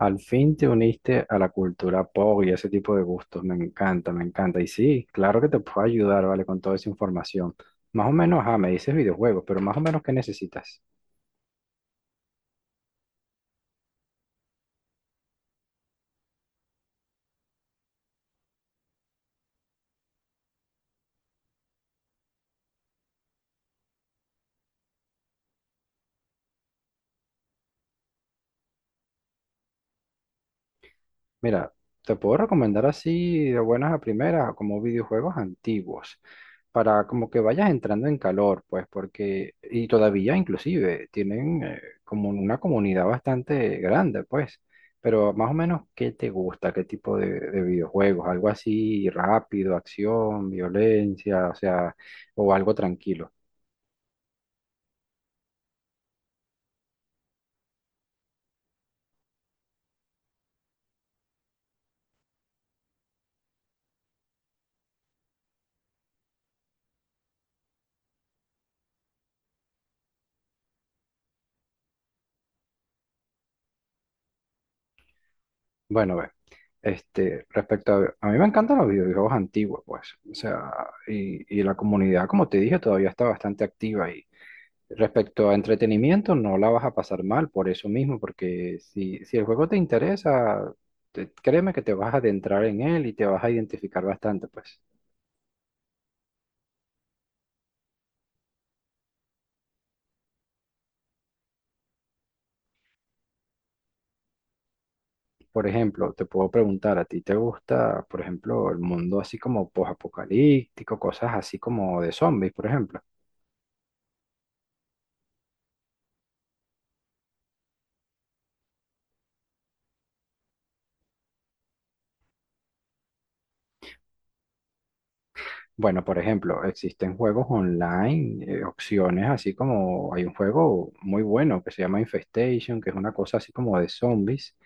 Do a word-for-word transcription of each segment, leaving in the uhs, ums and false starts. Al fin te uniste a la cultura pop y ese tipo de gustos. Me encanta, me encanta. Y sí, claro que te puedo ayudar, ¿vale? Con toda esa información. Más o menos, ah, me dices videojuegos, pero más o menos, ¿qué necesitas? Mira, te puedo recomendar así de buenas a primeras como videojuegos antiguos, para como que vayas entrando en calor, pues, porque, y todavía inclusive tienen eh, como una comunidad bastante grande, pues, pero más o menos, ¿qué te gusta? ¿Qué tipo de, de videojuegos? ¿Algo así rápido, acción, violencia, o sea, o algo tranquilo? Bueno, ve, este, respecto a, a mí me encantan los videojuegos antiguos, pues, o sea, y, y la comunidad, como te dije, todavía está bastante activa y respecto a entretenimiento, no la vas a pasar mal por eso mismo, porque si, si el juego te interesa, te- créeme que te vas a adentrar en él y te vas a identificar bastante, pues. Por ejemplo, te puedo preguntar, ¿a ti te gusta, por ejemplo, el mundo así como post-apocalíptico, cosas así como de zombies, por ejemplo? Bueno, por ejemplo, existen juegos online, eh, opciones así como hay un juego muy bueno que se llama Infestation, que es una cosa así como de zombies,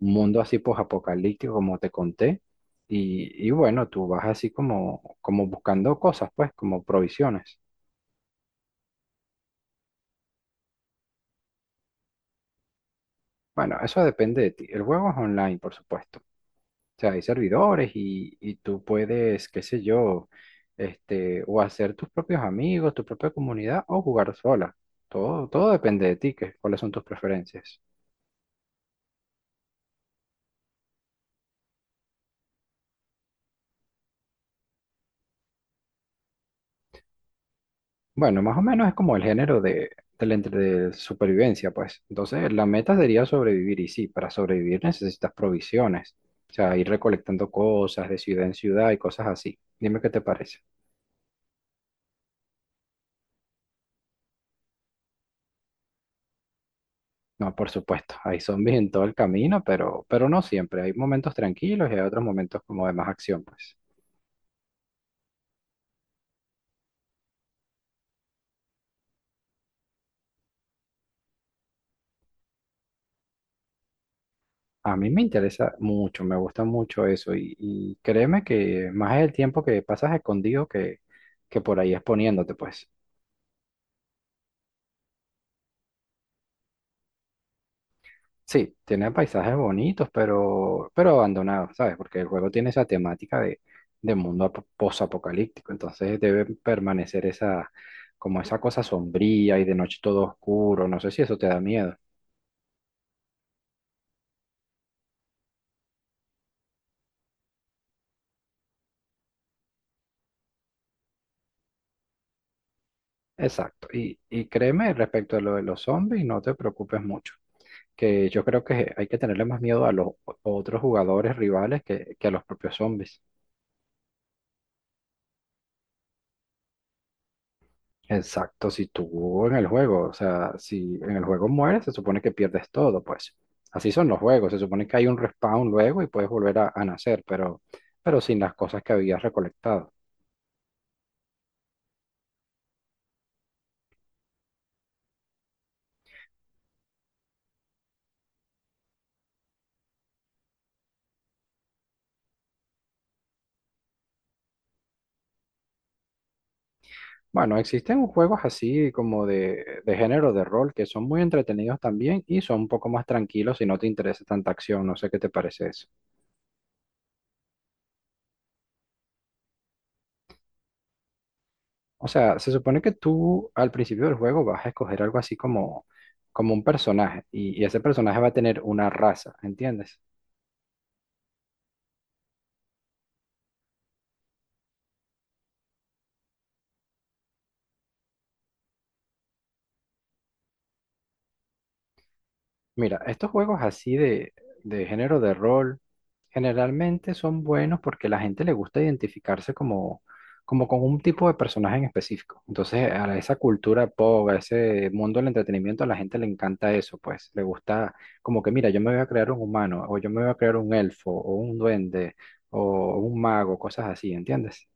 un mundo así apocalíptico, como te conté, y, y bueno, tú vas así como, como buscando cosas, pues, como provisiones. Bueno, eso depende de ti. El juego es online, por supuesto. O sea, hay servidores y, y tú puedes, qué sé yo, este, o hacer tus propios amigos, tu propia comunidad o jugar sola. Todo, todo depende de ti, que, cuáles son tus preferencias. Bueno, más o menos es como el género de, del entre- de supervivencia, pues. Entonces, la meta sería sobrevivir y sí, para sobrevivir necesitas provisiones. O sea, ir recolectando cosas de ciudad en ciudad y cosas así. Dime qué te parece. No, por supuesto, hay zombies en todo el camino, pero, pero no siempre. Hay momentos tranquilos y hay otros momentos como de más acción, pues. A mí me interesa mucho, me gusta mucho eso y, y créeme que más es el tiempo que pasas escondido que, que por ahí exponiéndote, pues. Sí, tiene paisajes bonitos, pero, pero abandonados, ¿sabes? Porque el juego tiene esa temática de, de mundo ap- posapocalíptico, entonces debe permanecer esa, como esa cosa sombría y de noche todo oscuro, no sé si eso te da miedo. Exacto. Y, y créeme, respecto a lo de los zombies, no te preocupes mucho, que yo creo que hay que tenerle más miedo a los o- otros jugadores rivales que, que a los propios zombies. Exacto, si tú en el juego, o sea, si en el juego mueres, se supone que pierdes todo, pues. Así son los juegos, se supone que hay un respawn luego y puedes volver a, a nacer, pero, pero sin las cosas que habías recolectado. Bueno, existen juegos así como de, de género de rol que son muy entretenidos también y son un poco más tranquilos si no te interesa tanta acción, no sé qué te parece eso. O sea, se supone que tú al principio del juego vas a escoger algo así como, como un personaje y, y ese personaje va a tener una raza, ¿entiendes? Mira, estos juegos así de, de género de rol generalmente son buenos porque la gente le gusta identificarse como, como con un tipo de personaje en específico. Entonces, a esa cultura pop, a ese mundo del entretenimiento, a la gente le encanta eso, pues. Le gusta como que, mira, yo me voy a crear un humano, o yo me voy a crear un elfo, o un duende, o un mago, cosas así, ¿entiendes?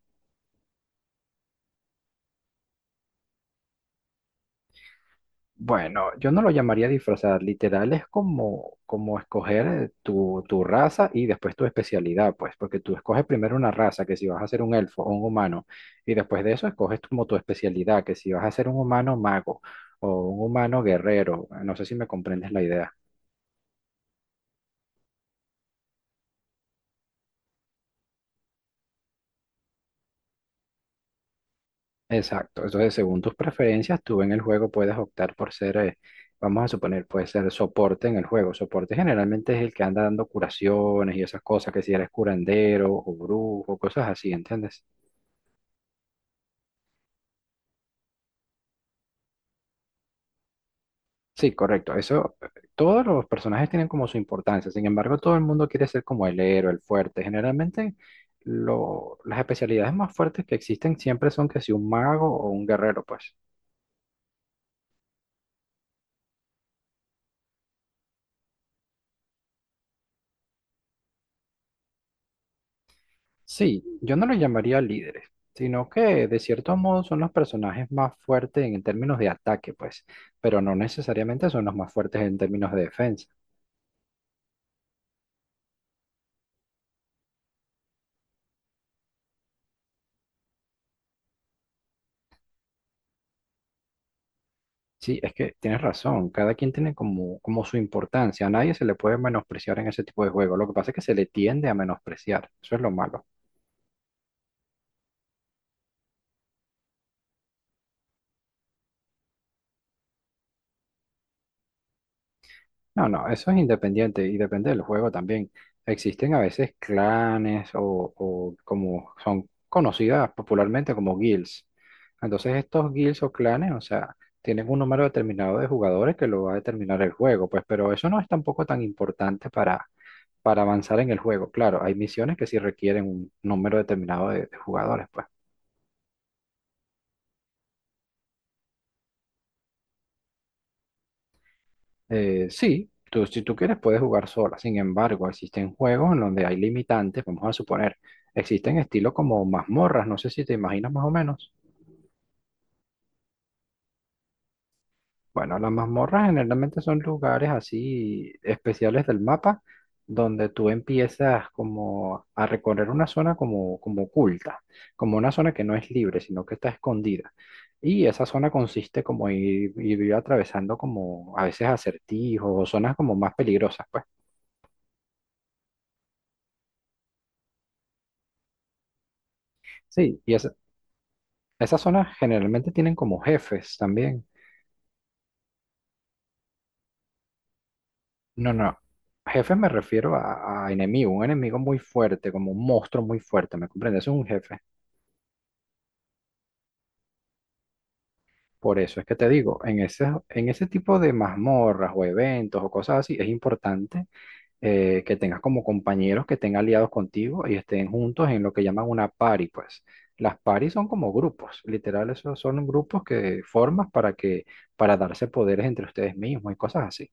Bueno, yo no lo llamaría disfrazar, literal es como, como escoger eh, tu, tu raza y después tu especialidad, pues, porque tú escoges primero una raza, que si vas a ser un elfo o un humano, y después de eso escoges como tu especialidad, que si vas a ser un humano mago o un humano guerrero, no sé si me comprendes la idea. Exacto, entonces según tus preferencias, tú en el juego puedes optar por ser, eh, vamos a suponer, puede ser soporte en el juego. Soporte generalmente es el que anda dando curaciones y esas cosas, que si eres curandero o brujo, cosas así, ¿entiendes? Sí, correcto, eso, eh, todos los personajes tienen como su importancia, sin embargo, todo el mundo quiere ser como el héroe, el fuerte. Generalmente, lo- las especialidades más fuertes que existen siempre son que si un mago o un guerrero, pues. Sí, yo no los llamaría líderes, sino que de cierto modo son los personajes más fuertes en términos de ataque, pues, pero no necesariamente son los más fuertes en términos de defensa. Sí, es que tienes razón, cada quien tiene como, como su importancia, a nadie se le puede menospreciar en ese tipo de juego, lo que pasa es que se le tiende a menospreciar, eso es lo malo. No, no, eso es independiente y depende del juego también. Existen a veces clanes o, o como son conocidas popularmente como guilds. Entonces estos guilds o clanes, o sea, tienen un número determinado de jugadores que lo va a determinar el juego, pues, pero eso no es tampoco tan importante para, para avanzar en el juego. Claro, hay misiones que sí requieren un número determinado de de jugadores, pues. Eh, sí, tú, si tú quieres puedes jugar sola. Sin embargo, existen juegos en donde hay limitantes. Vamos a suponer, existen estilos como mazmorras. No sé si te imaginas más o menos. Bueno, las mazmorras generalmente son lugares así especiales del mapa donde tú empiezas como a recorrer una zona como, como oculta, como una zona que no es libre, sino que está escondida. Y esa zona consiste como ir, ir atravesando como a veces acertijos o zonas como más peligrosas, pues. Sí, y esa esas zonas generalmente tienen como jefes también. No, no. Jefes me refiero a, a enemigo, un enemigo muy fuerte, como un monstruo muy fuerte, ¿me comprendes? Es un jefe. Por eso es que te digo, en ese, en ese tipo de mazmorras o eventos o cosas así, es importante eh, que tengas como compañeros que estén aliados contigo y estén juntos en lo que llaman una party, pues. Las paris son como grupos, literal, esos son grupos que formas para que, para darse poderes entre ustedes mismos y cosas así.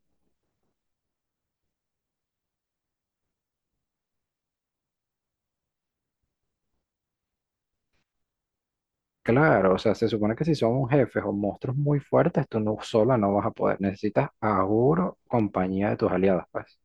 Claro, o sea, se supone que si son jefes o monstruos muy fuertes, tú no sola no vas a poder. Necesitas seguro compañía de tus aliados, pues.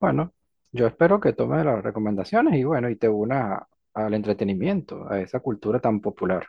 Bueno, yo espero que tomes las recomendaciones y bueno, y te unas a- al entretenimiento, a esa cultura tan popular.